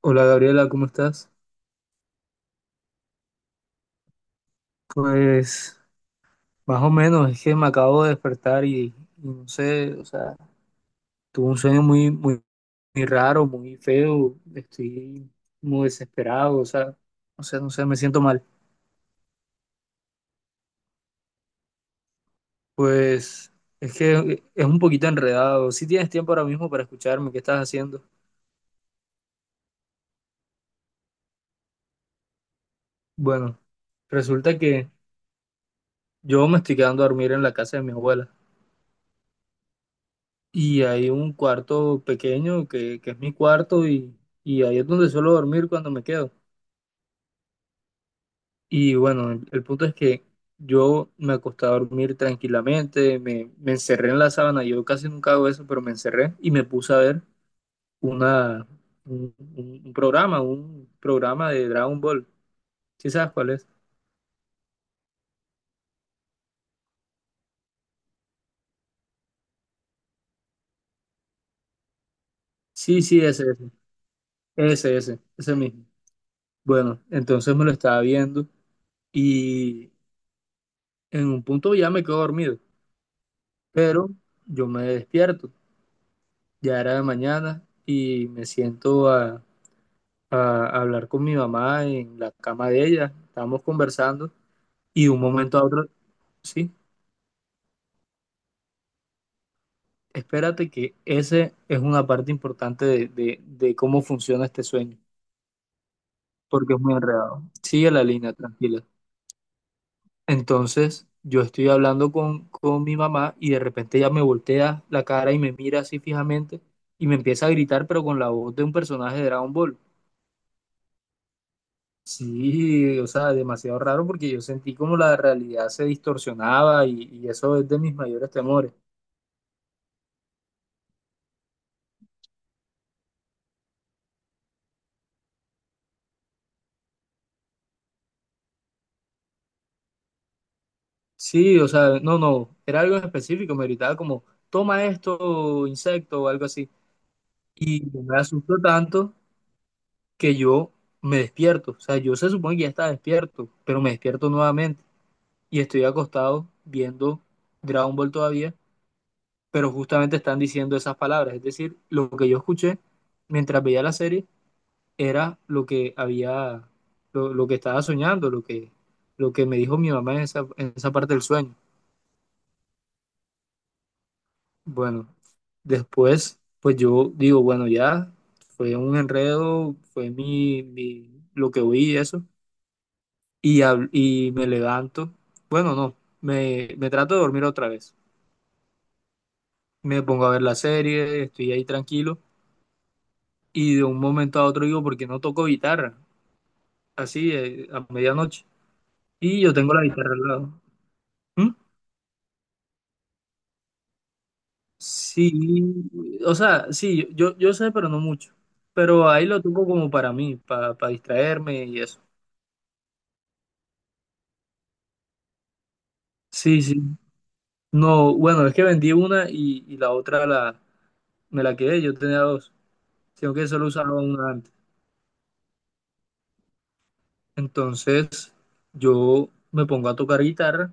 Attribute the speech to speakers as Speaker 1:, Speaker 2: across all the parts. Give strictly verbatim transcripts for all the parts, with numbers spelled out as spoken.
Speaker 1: Hola Gabriela, ¿cómo estás? Pues más o menos, es que me acabo de despertar y, y no sé, o sea, tuve un sueño muy, muy, muy raro, muy feo, estoy muy desesperado, o sea, o sea, no sé, me siento mal. Pues es que es un poquito enredado. Si tienes tiempo ahora mismo para escucharme, ¿qué estás haciendo? Bueno, resulta que yo me estoy quedando a dormir en la casa de mi abuela y hay un cuarto pequeño que, que es mi cuarto y, y ahí es donde suelo dormir cuando me quedo. Y bueno, el, el punto es que yo me acosté a dormir tranquilamente, me, me encerré en la sábana, yo casi nunca hago eso, pero me encerré y me puse a ver una, un, un- un programa, un programa de Dragon Ball. ¿Sí sabes cuál es? Sí, sí, ese, ese, ese, ese, ese mismo. Bueno, entonces me lo estaba viendo y en un punto ya me quedo dormido, pero yo me despierto, ya era de mañana y me siento a a, a hablar con mi mamá en la cama de ella. Estábamos conversando y de un momento a otro, sí, espérate que ese es una parte importante de, de, de cómo funciona este sueño, porque es muy enredado. Sigue la línea, tranquila. Entonces, yo estoy hablando con, con mi mamá y de repente ella me voltea la cara y me mira así fijamente y me empieza a gritar, pero con la voz de un personaje de Dragon Ball. Sí, o sea, demasiado raro porque yo sentí como la realidad se distorsionaba y, y eso es de mis mayores temores. Sí, o sea, no, no, era algo en específico, me gritaba como, toma esto, insecto o algo así. Y me asustó tanto que yo me despierto, o sea, yo se supone que ya estaba despierto, pero me despierto nuevamente y estoy acostado viendo Dragon Ball todavía, pero justamente están diciendo esas palabras, es decir, lo que yo escuché mientras veía la serie era lo que había, lo, lo que estaba soñando, lo que, lo que me dijo mi mamá en esa, en esa parte del sueño. Bueno, después, pues yo digo, bueno, ya fue un enredo, fue mi, mi- lo que oí y eso, y, hab- y me levanto, bueno, no, me, me trato de dormir otra vez, me pongo a ver la serie, estoy ahí tranquilo, y de un momento a otro digo, ¿por qué no toco guitarra? Así, eh, a medianoche, y yo tengo la guitarra al lado. ¿Mm? Sí, o sea, sí, yo, yo sé, pero no mucho. Pero ahí lo tengo como para mí, para distraerme y eso. Sí, sí. No, bueno, es que vendí una y, y la otra la, me la quedé, yo tenía dos, sino que solo usaba una antes. Entonces, yo me pongo a tocar guitarra,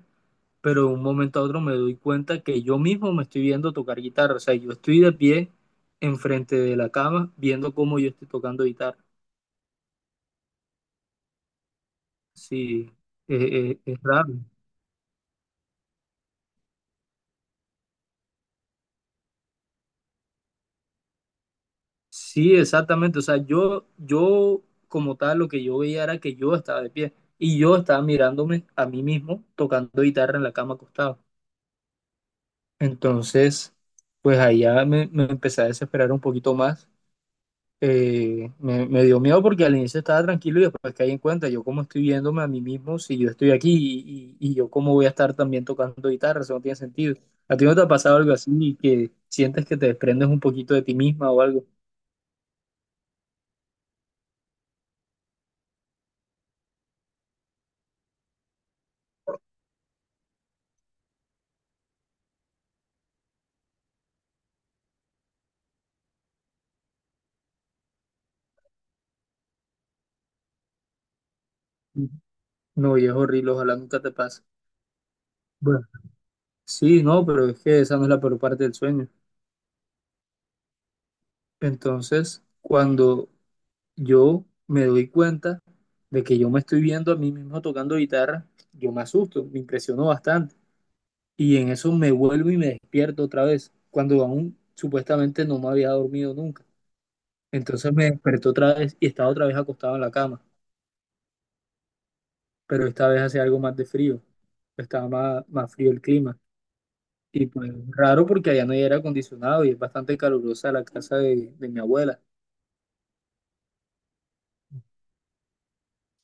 Speaker 1: pero de un momento a otro me doy cuenta que yo mismo me estoy viendo tocar guitarra. O sea, yo estoy de pie enfrente de la cama viendo cómo yo estoy tocando guitarra. Sí, eh, eh, es raro. Sí, exactamente. O sea, yo, yo como tal, lo que yo veía era que yo estaba de pie y yo estaba mirándome a mí mismo tocando guitarra en la cama acostado. Entonces, pues allá me, me empecé a desesperar un poquito más. Eh, me, me dio miedo porque al inicio estaba tranquilo y después caí en cuenta, yo cómo estoy viéndome a mí mismo si yo estoy aquí y, y- y yo cómo voy a estar también tocando guitarra, eso no tiene sentido. ¿A ti no te ha pasado algo así que sientes que te desprendes un poquito de ti misma o algo? No, y es horrible, ojalá nunca te pase. Bueno. Sí, no, pero es que esa no es la peor parte del sueño. Entonces, cuando yo me doy cuenta de que yo me estoy viendo a mí mismo tocando guitarra, yo me asusto, me impresiono bastante. Y en eso me vuelvo y me despierto otra vez, cuando aún supuestamente no me había dormido nunca. Entonces me desperté otra vez y estaba otra vez acostado en la cama, pero esta vez hacía algo más de frío, estaba más, más frío el clima. Y pues raro porque allá no hay aire acondicionado y es bastante calurosa la casa de, de mi abuela.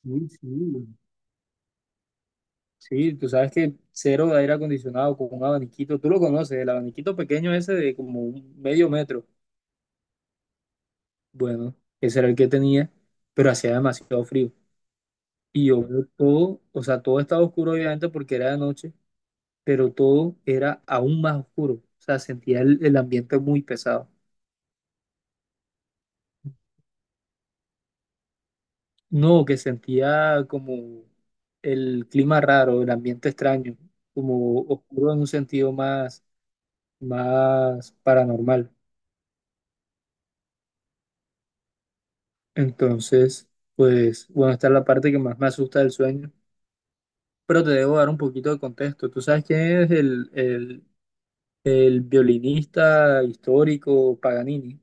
Speaker 1: Sí, sí. Sí, tú sabes que cero de aire acondicionado con un abaniquito, tú lo conoces, el abaniquito pequeño ese de como un medio metro. Bueno, ese era el que tenía, pero hacía demasiado frío. Y yo veo todo, o sea, todo estaba oscuro obviamente porque era de noche, pero todo era aún más oscuro. O sea, sentía el el ambiente muy pesado. No, que sentía como el clima raro, el ambiente extraño, como oscuro en un sentido más, más paranormal. Entonces, pues, bueno, esta es la parte que más me asusta del sueño, pero te debo dar un poquito de contexto. ¿Tú sabes quién es el, el, el violinista histórico Paganini?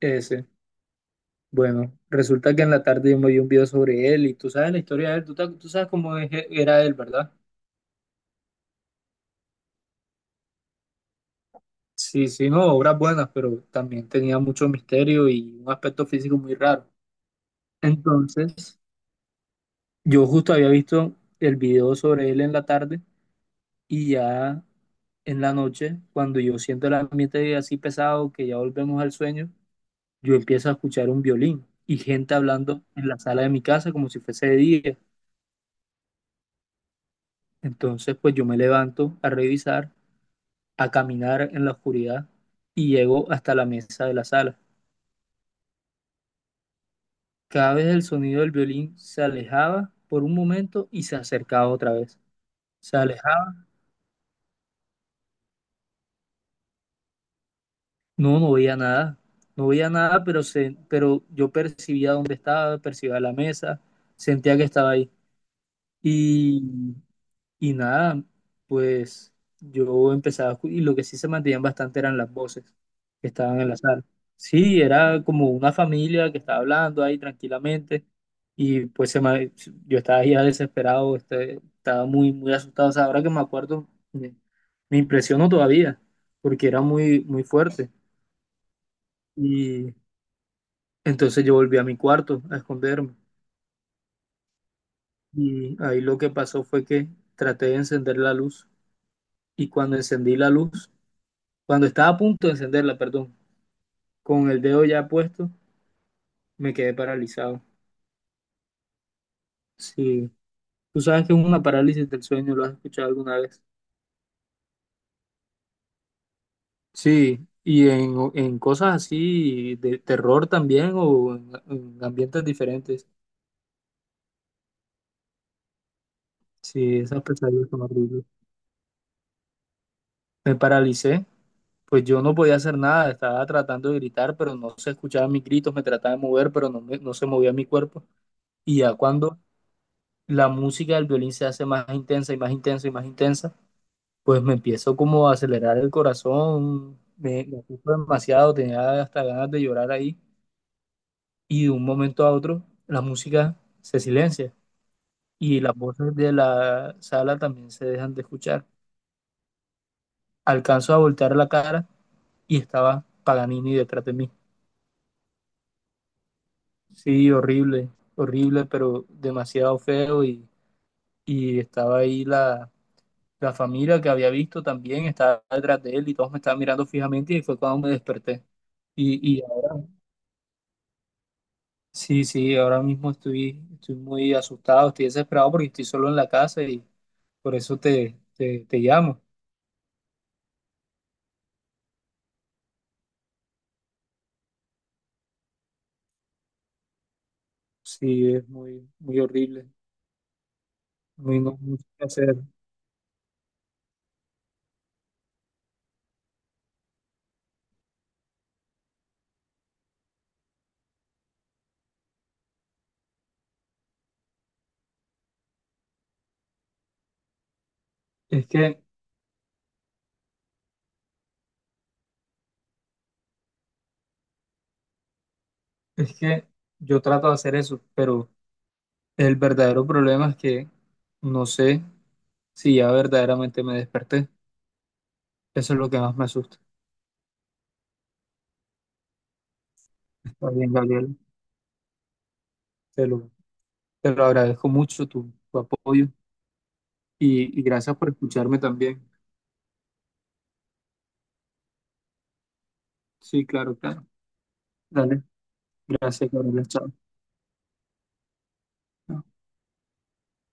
Speaker 1: Ese. Bueno, resulta que en la tarde yo me vi un video sobre él y tú sabes la historia de él, tú, ta- tú sabes cómo es- era él, ¿verdad? Sí, sí, no, obras buenas, pero también tenía mucho misterio y un aspecto físico muy raro. Entonces, yo justo había visto el video sobre él en la tarde y ya en la noche, cuando yo siento el ambiente así pesado, que ya volvemos al sueño, yo empiezo a escuchar un violín y gente hablando en la sala de mi casa como si fuese de día. Entonces, pues yo me levanto a revisar, a caminar en la oscuridad y llego hasta la mesa de la sala. Cada vez el sonido del violín se alejaba por un momento y se acercaba otra vez. Se alejaba, no, no veía nada, no veía nada, pero, se, pero yo percibía dónde estaba, percibía la mesa, sentía que estaba ahí. Y, y nada, pues yo empezaba, a escu- y lo que sí se mantenían bastante eran las voces que estaban en la sala. Sí, era como una familia que estaba hablando ahí tranquilamente. Y pues se me- yo estaba ya desesperado, este, estaba muy, muy asustado. O sea, ahora que me acuerdo, me, me impresionó todavía, porque era muy, muy fuerte. Y entonces yo volví a mi cuarto a esconderme. Y ahí lo que pasó fue que traté de encender la luz. Y cuando encendí la luz, cuando estaba a punto de encenderla, perdón, con el dedo ya puesto, me quedé paralizado. Sí, tú sabes que es una parálisis del sueño, ¿lo has escuchado alguna vez? Sí, y en, en cosas así de terror también o en, en ambientes diferentes. Sí, esas pesadillas son horribles. Me paralicé, pues yo no podía hacer nada, estaba tratando de gritar, pero no se escuchaban mis gritos, me trataba de mover, pero no, me- no se movía mi cuerpo. Y ya cuando la música del violín se hace más intensa y más intensa y más intensa, pues me empiezo como a acelerar el corazón, me, me asusto demasiado, tenía hasta ganas de llorar ahí. Y de un momento a otro, la música se silencia y las voces de la sala también se dejan de escuchar. Alcanzo a voltear la cara y estaba Paganini detrás de mí. Sí, horrible, horrible, pero demasiado feo y, y estaba ahí la, la familia que había visto también, estaba detrás de él y todos me estaban mirando fijamente y fue cuando me desperté. Y, y sí, sí, ahora mismo estoy, estoy muy asustado, estoy desesperado porque estoy solo en la casa y por eso te, te, te llamo. Sí, es muy, muy horrible, muy, no, mucho que hacer. Es que Es que yo trato de hacer eso, pero el verdadero problema es que no sé si ya verdaderamente me desperté. Eso es lo que más me asusta. Está bien, Gabriel. Te lo, te lo agradezco mucho tu, tu apoyo y, y gracias por escucharme también. Sí, claro, claro. Dale. Gracias, Gabriel. Chao.